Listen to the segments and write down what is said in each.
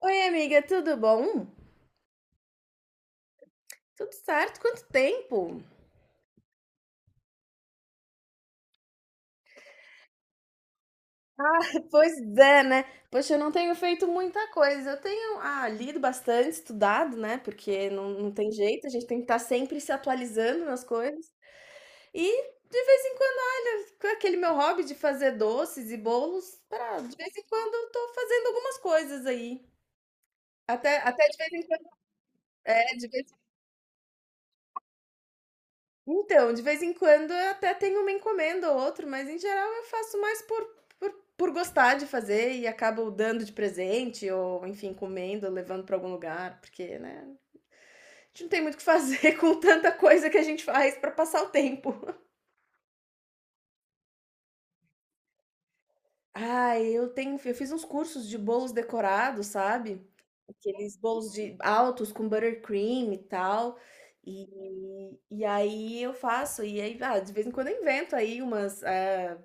Oi, amiga, tudo bom? Tudo certo? Quanto tempo? Pois é, né? Poxa, eu não tenho feito muita coisa. Eu tenho, lido bastante, estudado, né? Porque não tem jeito, a gente tem que estar sempre se atualizando nas coisas. E de vez em quando, olha, com aquele meu hobby de fazer doces e bolos, pra, de vez em quando eu tô fazendo algumas coisas aí. Até de vez em quando, é, de Então, de vez em quando eu até tenho uma encomenda ou outra, mas em geral eu faço mais por gostar de fazer e acabo dando de presente ou, enfim, comendo, levando para algum lugar, porque, né, a gente não tem muito o que fazer com tanta coisa que a gente faz para passar o tempo. Ah, eu tenho, eu fiz uns cursos de bolos decorados, sabe? Aqueles bolos de altos com buttercream e tal. E aí eu faço, e aí, de vez em quando eu invento aí umas.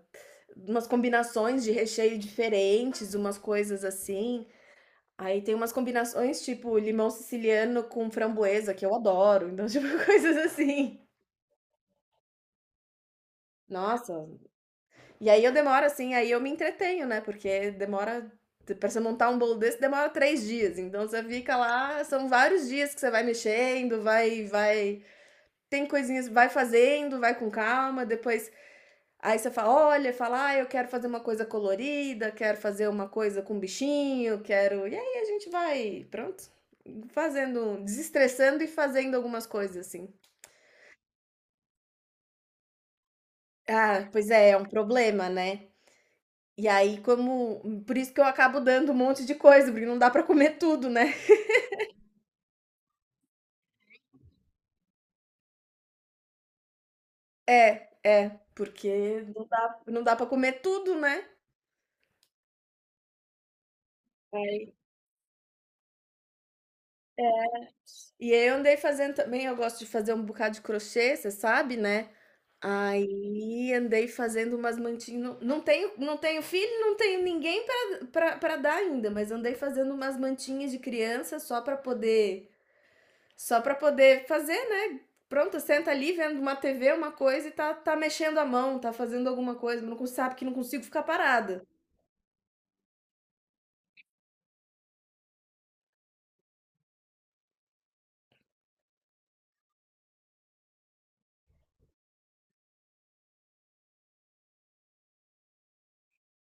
Umas combinações de recheio diferentes, umas coisas assim. Aí tem umas combinações tipo limão siciliano com framboesa, que eu adoro. Então, tipo, coisas assim. Nossa. E aí eu demoro assim, aí eu me entretenho, né? Porque demora. Pra você montar um bolo desse demora 3 dias. Então você fica lá, são vários dias que você vai mexendo, vai. Tem coisinhas, vai fazendo, vai com calma, depois aí você fala, olha, fala, ah, eu quero fazer uma coisa colorida, quero fazer uma coisa com bichinho, quero. E aí a gente vai, pronto, fazendo, desestressando e fazendo algumas coisas assim. Ah, pois é, é um problema, né? E aí, como. Por isso que eu acabo dando um monte de coisa, porque não dá pra comer tudo, né? É, é, porque não dá para comer tudo, né? Aí- E aí eu andei fazendo também, eu gosto de fazer um bocado de crochê, você sabe, né? Aí andei fazendo umas mantinhas, não tenho filho, não tenho ninguém para pra pra dar ainda, mas andei fazendo umas mantinhas de criança só para poder fazer, né, pronto, senta ali vendo uma TV, uma coisa e tá mexendo a mão, tá fazendo alguma coisa, mas sabe que não consigo ficar parada.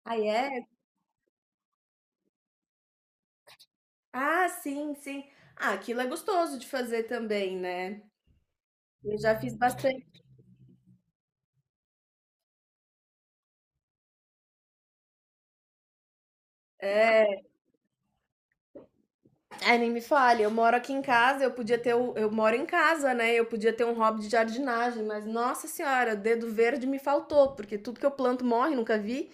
Aí é? Ah, sim, sim. Ah, aquilo é gostoso de fazer também, né. Eu já fiz bastante. É. Ai, nem me fale, eu moro aqui em casa, eu podia ter o eu moro em casa, né, eu podia ter um hobby de jardinagem, mas nossa senhora, dedo verde me faltou, porque tudo que eu planto morre, nunca vi.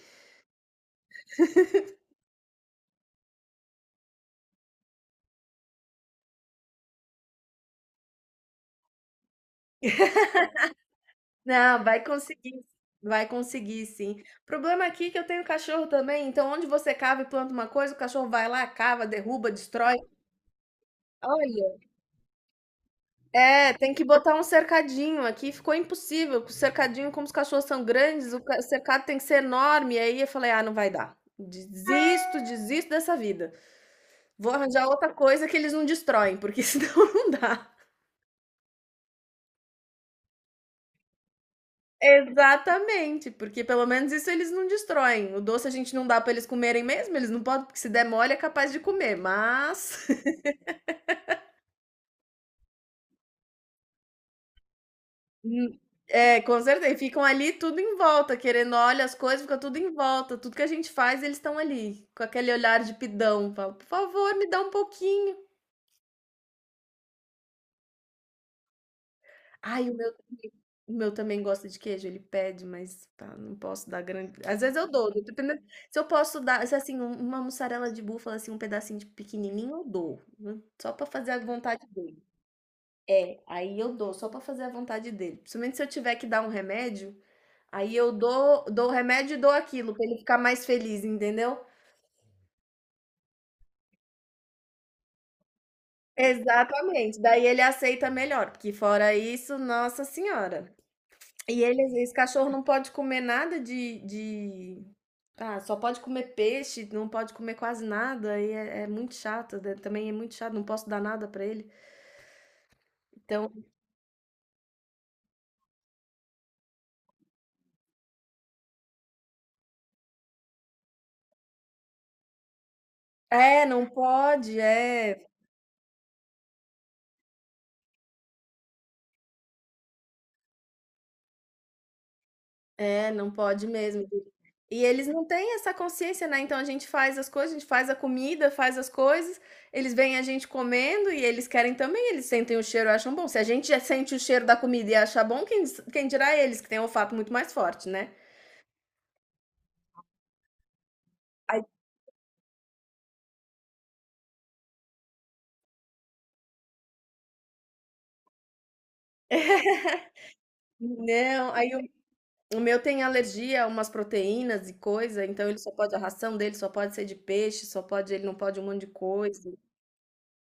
Não, vai conseguir sim. O problema aqui é que eu tenho cachorro também, então onde você cava e planta uma coisa, o cachorro vai lá, cava, derruba, destrói. Olha, é, tem que botar um cercadinho aqui, ficou impossível, o cercadinho, como os cachorros são grandes, o cercado tem que ser enorme, e aí eu falei, ah, não vai dar. Desisto, desisto dessa vida. Vou arranjar outra coisa que eles não destroem, porque senão não dá. Exatamente, porque pelo menos isso eles não destroem. O doce a gente não dá pra eles comerem mesmo, eles não podem, porque se der mole é capaz de comer, mas hum, é, com certeza, e ficam ali tudo em volta, querendo olha as coisas, fica tudo em volta, tudo que a gente faz, eles estão ali, com aquele olhar de pidão, fala: "Por favor, me dá um pouquinho". Ai, o meu também gosta de queijo, ele pede, mas pá, não posso dar grande às vezes eu dou, dependendo se eu posso dar se, assim, uma mussarela de búfala, assim, um pedacinho de pequenininho eu dou, só pra fazer a vontade dele. É, aí eu dou só pra fazer a vontade dele, principalmente se eu tiver que dar um remédio, aí eu dou o remédio e dou aquilo pra ele ficar mais feliz, entendeu? Exatamente, daí ele aceita melhor, porque fora isso, nossa senhora. E eles esse cachorro não pode comer nada de de ah, só pode comer peixe, não pode comer quase nada, e é muito chato, da também é muito chato, não posso dar nada pra ele. Então é, não pode, é, é, não pode mesmo. E eles não têm essa consciência, né, então a gente faz as coisas, a gente faz a comida, faz as coisas, eles veem a gente comendo e eles querem também, eles sentem o cheiro e acham bom. Se a gente já sente o cheiro da comida e acha bom, quem dirá eles, que têm olfato muito mais forte, né. Aí Não, aí o meu tem alergia a umas proteínas e coisa, então ele só pode a ração dele só pode ser de peixe, só pode ele não pode um monte de coisa.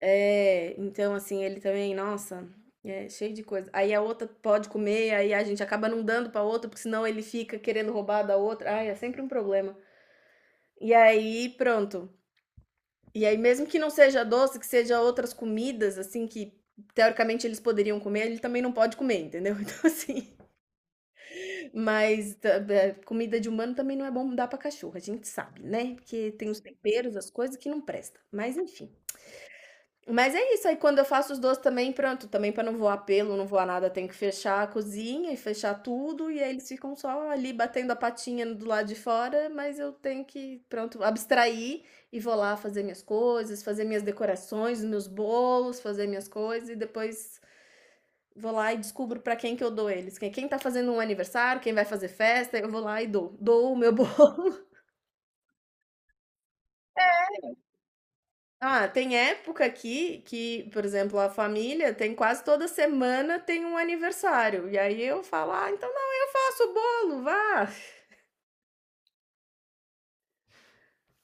É, então assim, ele também, nossa, é cheio de coisa. Aí a outra pode comer, aí a gente acaba não dando pra outra, porque senão ele fica querendo roubar da outra. Ai, é sempre um problema. E aí, pronto. E aí mesmo que não seja doce, que seja outras comidas assim que teoricamente eles poderiam comer, ele também não pode comer, entendeu? Então assim, mas ta comida de humano também não é bom dar pra cachorro, a gente sabe, né, porque tem os temperos, as coisas que não presta, mas enfim. Mas é isso, aí quando eu faço os doces também, pronto, também pra não voar pelo, não voar nada, tenho que fechar a cozinha e fechar tudo, e aí eles ficam só ali batendo a patinha do lado de fora, mas eu tenho que, pronto, abstrair e vou lá fazer minhas coisas, fazer minhas decorações, meus bolos, fazer minhas coisas e depois vou lá e descubro pra quem que eu dou eles. Quem, quem tá fazendo um aniversário, quem vai fazer festa, eu vou lá e dou. Dou o meu bolo. Ah, tem época aqui que, por exemplo, a família tem quase toda semana tem um aniversário. E aí eu falo, ah, então não, eu faço o bolo, vá.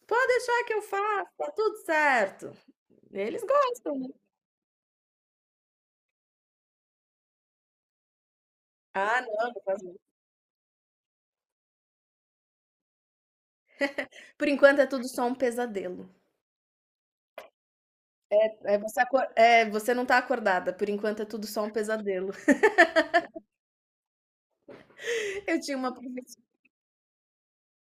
Pode deixar que eu faço, tá tudo certo. Eles gostam, né? Ah, não, não faz muito. Por enquanto é tudo só um pesadelo. Você não tá acordada. Por enquanto é tudo só um pesadelo. Eu tinha uma professora.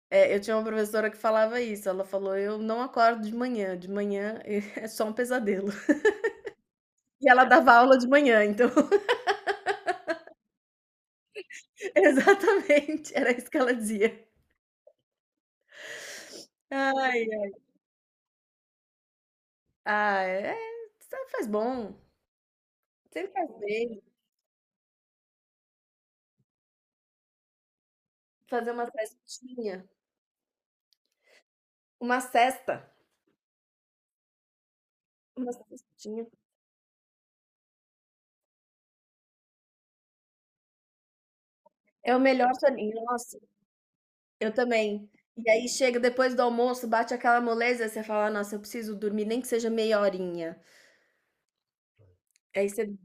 É, eu tinha uma professora que falava isso, ela falou: "Eu não acordo de manhã é só um pesadelo". E ela dava aula de manhã, então exatamente, era isso que ela dizia. Ai, ai. Ah, é, sempre faz bom, sempre faz bem, fazer uma cestinha, uma cesta, uma cestinha, é o melhor soninho, nossa, eu também. E aí chega depois do almoço, bate aquela moleza, você fala: "Nossa, eu preciso dormir nem que seja meia horinha". Aí você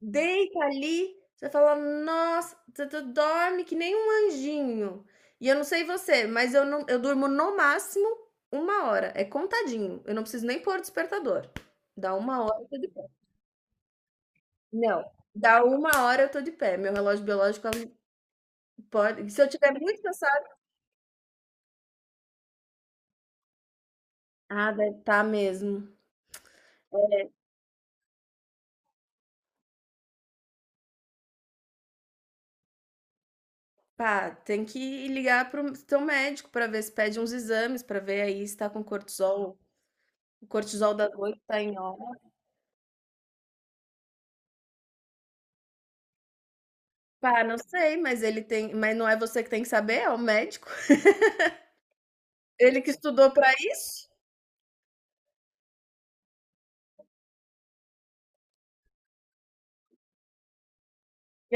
deita ali, você fala: "Nossa", você tu dorme que nem um anjinho. E eu não sei você, mas eu durmo no máximo 1 hora, é contadinho, eu não preciso nem pôr despertador. Dá 1 hora eu tô de pé. Não, dá 1 hora eu tô de pé, meu relógio biológico ele pode se eu tiver muito cansada ah, deve tá mesmo. Pá, tem que ligar para o teu médico pra ver se pede uns exames, pra ver aí se tá com cortisol o cortisol das 8 tá em ó. Pá, não sei, mas ele tem mas não é você que tem que saber, é o médico. Ele que estudou pra isso.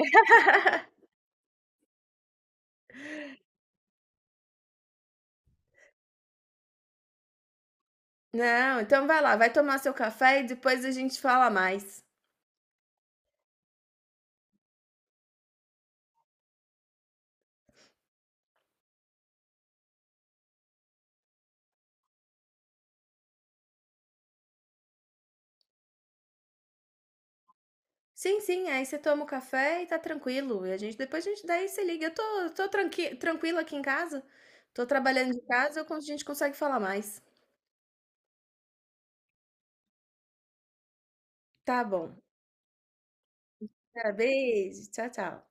Não, então vai lá, vai tomar seu café e depois a gente fala mais. Sim, sim, aí você toma o café e tá tranquilo. E a gente depois a gente daí você liga. Eu tô tranquila aqui em casa, tô trabalhando de casa, eu con a gente consegue falar mais. Tá bom. Tá, beijo, tchau, tchau.